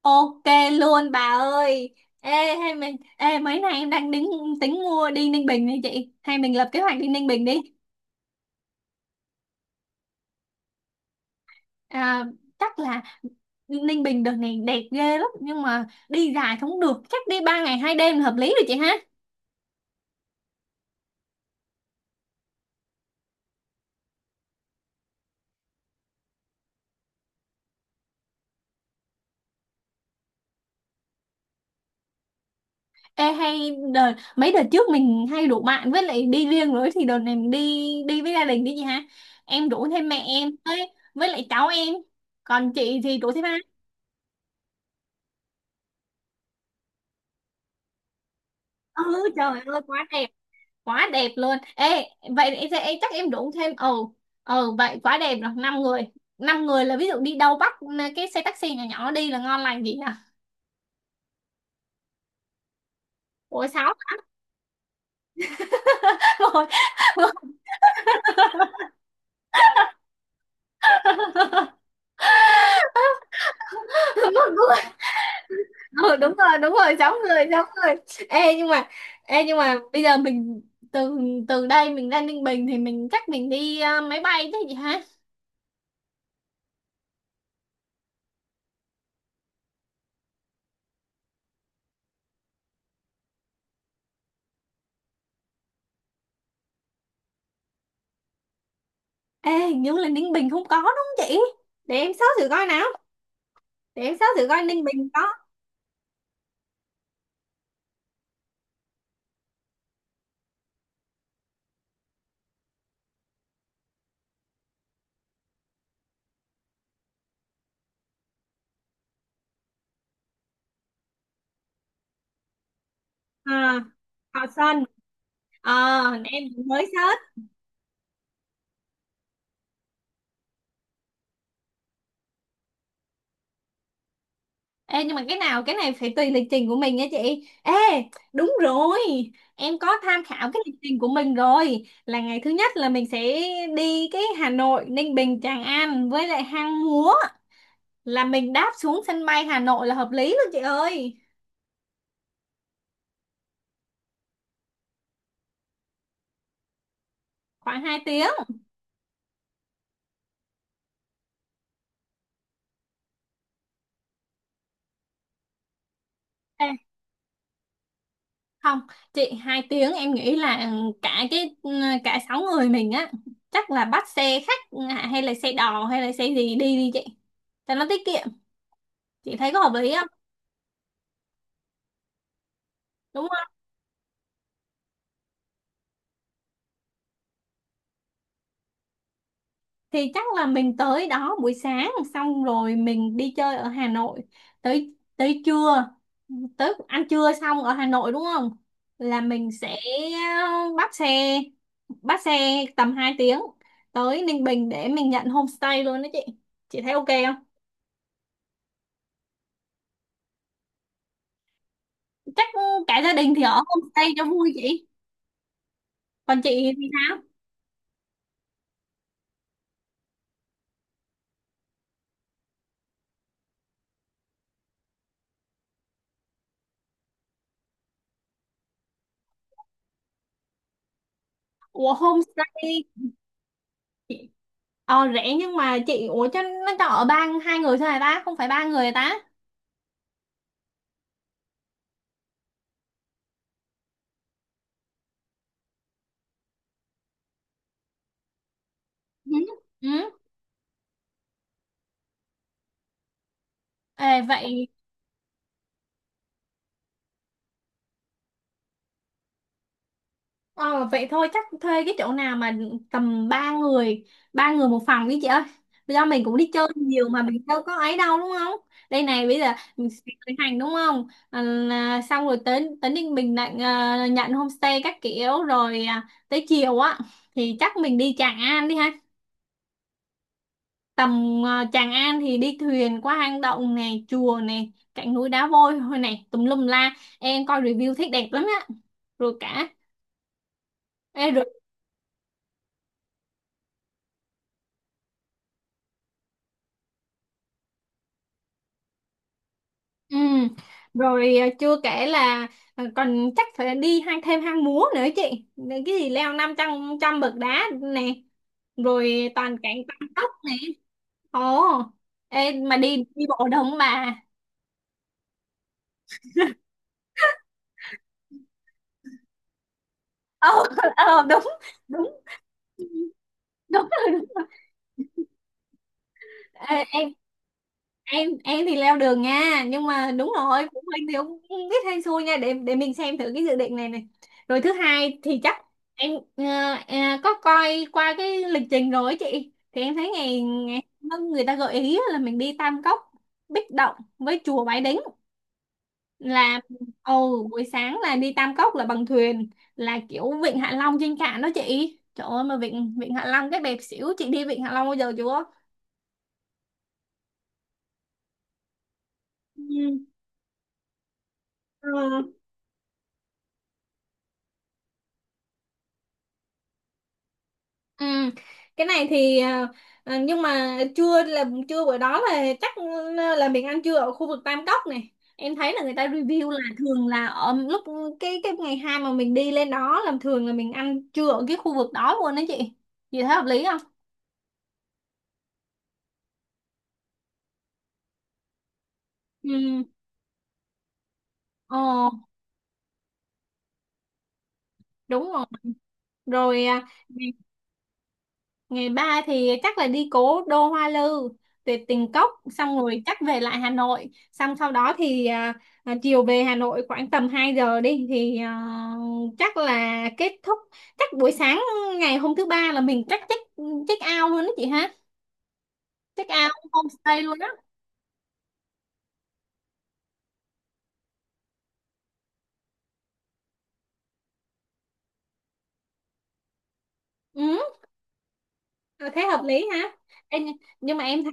Ok luôn bà ơi. Ê, hay mình ê mấy nay em đang tính tính mua đi Ninh Bình đi chị. Hay mình lập kế hoạch đi Ninh Bình đi. À, chắc là Ninh Bình đợt này đẹp ghê lắm nhưng mà đi dài không được, chắc đi 3 ngày 2 đêm là hợp lý rồi chị ha. Ê, hay đợt mấy đợt trước mình hay rủ bạn với lại đi riêng rồi thì đợt này mình đi đi với gia đình đi chị ha. Em rủ thêm mẹ em với lại cháu em. Còn chị thì rủ thêm ai? Ừ, trời ơi, quá đẹp luôn. Ê, vậy thì em chắc em đụng thêm. Ừ ừ, vậy quá đẹp rồi. Năm người, năm người là ví dụ đi đâu bắt cái xe taxi nhỏ nhỏ đi là ngon lành gì à. Ủa, sáu? Rồi, một người. Ừ, đúng rồi, đúng rồi, sáu người, sáu người. Ê nhưng mà ê nhưng mà bây giờ mình từ từ đây mình ra Ninh Bình thì mình chắc mình đi máy bay chứ gì hả. Ê, hình như là Ninh Bình không có, đúng không chị? Để em search thử coi nào. Để em search thử coi Ninh Bình có. À, Thọ Xuân. Ờ, em cũng mới search. Ê, nhưng mà cái nào cái này phải tùy lịch trình của mình nha chị. Ê, đúng rồi. Em có tham khảo cái lịch trình của mình rồi. Là ngày thứ nhất là mình sẽ đi cái Hà Nội, Ninh Bình, Tràng An với lại Hang Múa. Là mình đáp xuống sân bay Hà Nội là hợp lý luôn chị ơi. Khoảng 2 tiếng. Ê, không, chị, 2 tiếng em nghĩ là cả cái cả sáu người mình á chắc là bắt xe khách, à, hay là xe đò hay là xe gì, đi đi chị. Cho nó tiết kiệm. Chị thấy có hợp lý không? Đúng rồi. Thì chắc là mình tới đó buổi sáng xong rồi mình đi chơi ở Hà Nội tới tới trưa, tới ăn trưa xong ở Hà Nội đúng không? Là mình sẽ bắt xe bắt xe tầm 2 tiếng tới Ninh Bình để mình nhận homestay luôn đó chị. Chị thấy ok không? Chắc cả gia đình thì ở homestay cho vui chị. Còn chị thì sao? Ủa, homestay. Ờ, rẻ nhưng mà chị, ủa cho nó cho ở ba, hai người thôi hả ta? Không phải ba người hả ta? Ừ. Ừ. Ê, vậy thôi chắc thuê cái chỗ nào mà tầm ba người một phòng đi chị ơi, do mình cũng đi chơi nhiều mà mình đâu có ấy đâu đúng không. Đây này, bây giờ mình sẽ khởi hành, đúng không, à, xong rồi tới tới Ninh Bình lại nhận homestay các kiểu rồi, à, tới chiều á thì chắc mình đi Tràng An đi ha. Tràng An thì đi thuyền qua hang động này, chùa này, cạnh núi đá vôi thôi này, tùm lum la. Em coi review thấy đẹp lắm á. Rồi cả. Ê, rồi. Ừ. Rồi, à, chưa kể là, còn chắc phải đi thêm Hang Múa nữa chị. Để cái gì leo năm trăm trăm bậc đá nè, rồi toàn cảnh Tam Cốc nè. Ồ. Ê, mà đi đi bộ được không bà? Ờ. Ờ, đúng, đúng đúng, rồi, đúng rồi. Ê, em thì leo đường nha, nhưng mà đúng rồi phụ huynh thì cũng không biết hay xui nha, để mình xem thử cái dự định này này Rồi thứ hai thì chắc em ờ, có coi qua cái lịch trình rồi ấy chị, thì em thấy ngày người ta gợi ý là mình đi Tam Cốc Bích Động với chùa Bái Đính, là ồ buổi sáng là đi Tam Cốc là bằng thuyền, là kiểu vịnh Hạ Long trên cạn đó chị, trời ơi mà vịnh vịnh Hạ Long cái đẹp xỉu. Chị đi vịnh Hạ Long bao giờ chưa? Ừ. Ừ. Cái này thì nhưng mà trưa, là trưa bữa đó là chắc là mình ăn trưa ở khu vực Tam Cốc này, em thấy là người ta review là thường là ở lúc cái ngày hai mà mình đi lên đó là thường là mình ăn trưa ở cái khu vực đó luôn đó chị. Chị thấy hợp lý không? Ừ. Ồ, đúng rồi. Rồi à, ngày ba thì chắc là đi cố đô Hoa Lư, tuyệt tình cốc, xong rồi chắc về lại Hà Nội, xong sau đó thì chiều về Hà Nội khoảng tầm 2 giờ đi thì chắc là kết thúc. Chắc buổi sáng ngày hôm thứ ba là mình chắc check check out luôn đó chị ha, check out homestay luôn đó. Ừ, thế hợp lý ha. Ê, nhưng mà em thấy-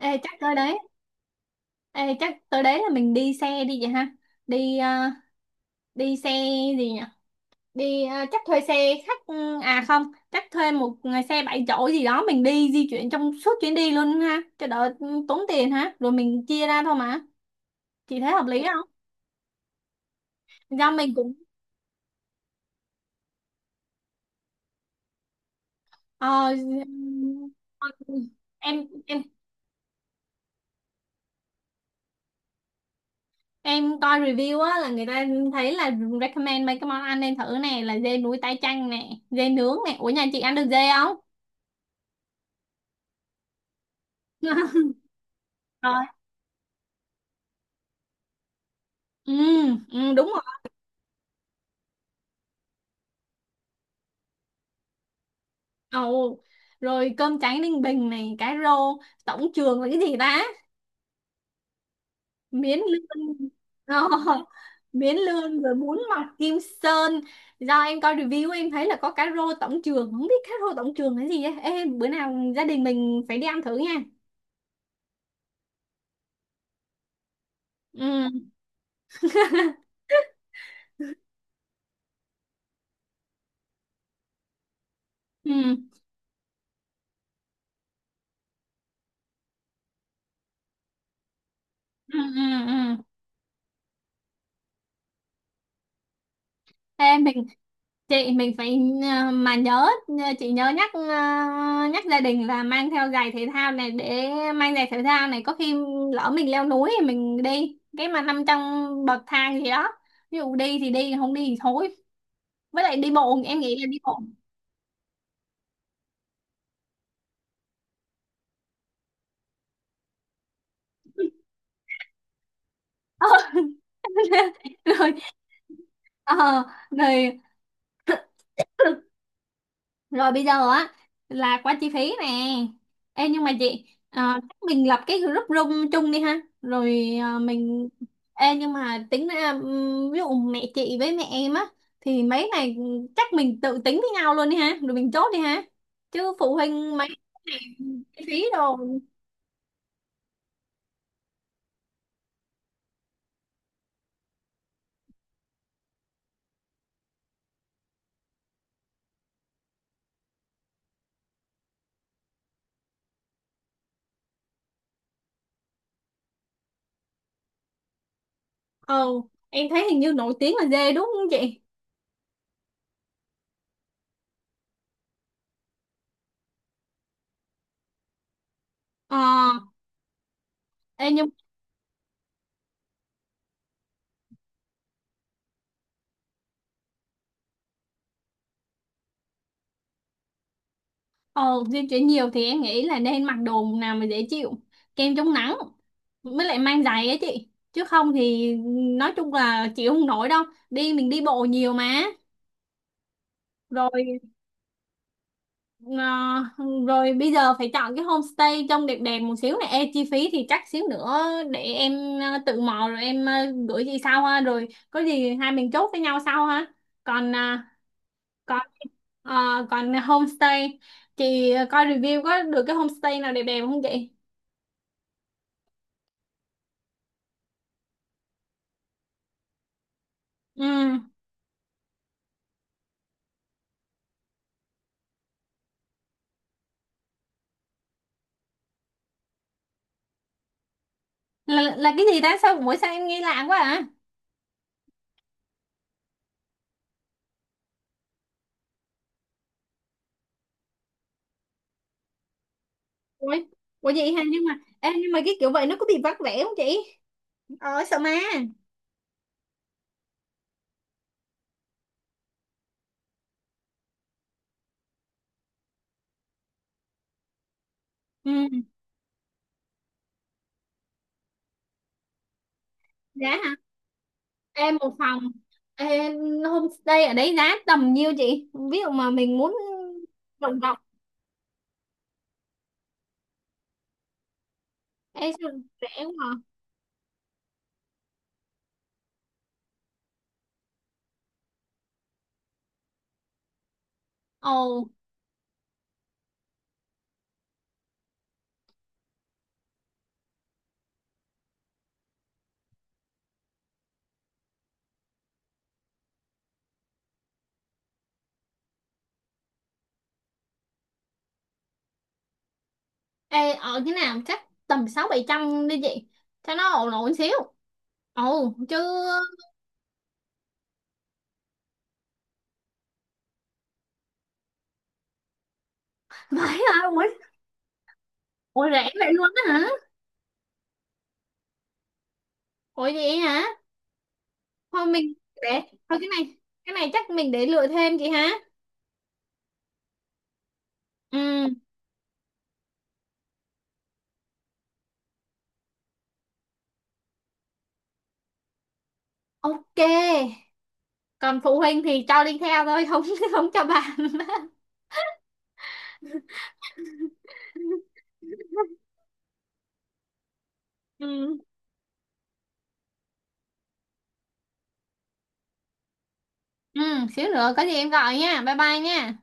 ê, chắc tới đấy chắc tới đấy là mình đi xe đi vậy ha. đi à, đi xe gì nhỉ, chắc thuê xe khách, à không, chắc thuê một xe bảy chỗ gì đó, mình đi di chuyển trong suốt chuyến đi luôn ha cho đỡ tốn tiền ha, rồi mình chia ra thôi mà. Chị thấy hợp lý không? Do mình cũng ờ, ờ, em em em coi review á là người ta thấy là recommend mấy cái món ăn nên thử nè, là dê núi tái chanh nè, dê nướng nè, ủa nhà chị ăn được dê không? Rồi. Ừ, ừ, đúng rồi. Ồ, rồi cơm tráng Ninh Bình này, cá rô tổng trường là cái gì ta, miến lươn. Ờ, miến lươn rồi bún mọc Kim Sơn. Do em coi review em thấy là có cá rô tổng trường, không biết cá rô tổng trường là gì ấy. Ê, bữa nào gia đình mình phải đi ăn thử nha. Ừ, ừ, ừ, ừ, ừ. Ê, mình chị mình phải mà chị nhớ nhắc gia đình là mang theo giày thể thao này, để mang giày thể thao này có khi lỡ mình leo núi thì mình đi, cái mà nằm trong bậc thang gì đó, ví dụ đi thì đi, không đi thì thôi, với lại đi bộ em nghĩ là đi bộ. Rồi ờ, rồi. Rồi bây giờ á là qua chi phí nè. Ê, nhưng mà chị chắc mình lập cái group room chung đi ha rồi mình. Ê, nhưng mà tính ra ví dụ mẹ chị với mẹ em á thì mấy này chắc mình tự tính với nhau luôn đi ha rồi mình chốt đi ha, chứ phụ huynh mấy cái này chi phí đồ. Ờ, em thấy hình như nổi tiếng là dê đúng không chị? Ờ. Ê, nhưng. Ờ, di chuyển nhiều thì em nghĩ là nên mặc đồ nào mà dễ chịu, kem chống nắng, mới lại mang giày ấy chị. Chứ không thì nói chung là chịu không nổi đâu. Đi mình đi bộ nhiều mà. Rồi ờ, rồi bây giờ phải chọn cái homestay trông đẹp đẹp một xíu này. Ê, chi phí thì chắc xíu nữa để em tự mò rồi em gửi chị sau ha. Rồi có gì hai mình chốt với nhau sau ha. Còn ờ, còn ờ, còn homestay, chị coi review có được cái homestay nào đẹp đẹp không chị? Ừ. Là cái gì ta, sao mỗi sao em nghe lạ quá à. Ủa, ủa, vậy hả? Nhưng mà cái kiểu vậy nó có bị vắt vẻ không chị? Ờ, sợ ma. Ừ. Giá hả? Em một phòng em homestay ở đấy giá tầm nhiêu chị? Ví dụ mà mình muốn rộng rộng, em sao, rẻ quá hả? Ồ. Ê, ở cái nào chắc tầm sáu bảy trăm đi chị cho nó ổn ổn xíu. Ồ chứ. Vậy hả? Ủa, ủa, rẻ vậy luôn á hả, ủa vậy hả? Thôi mình để, thôi cái này chắc mình để lựa thêm chị hả. Ừ. Ok. Còn phụ huynh thì cho đi theo thôi, không không cho bạn. Ừ ừ, xíu nữa có gì em gọi nha, bye bye nha.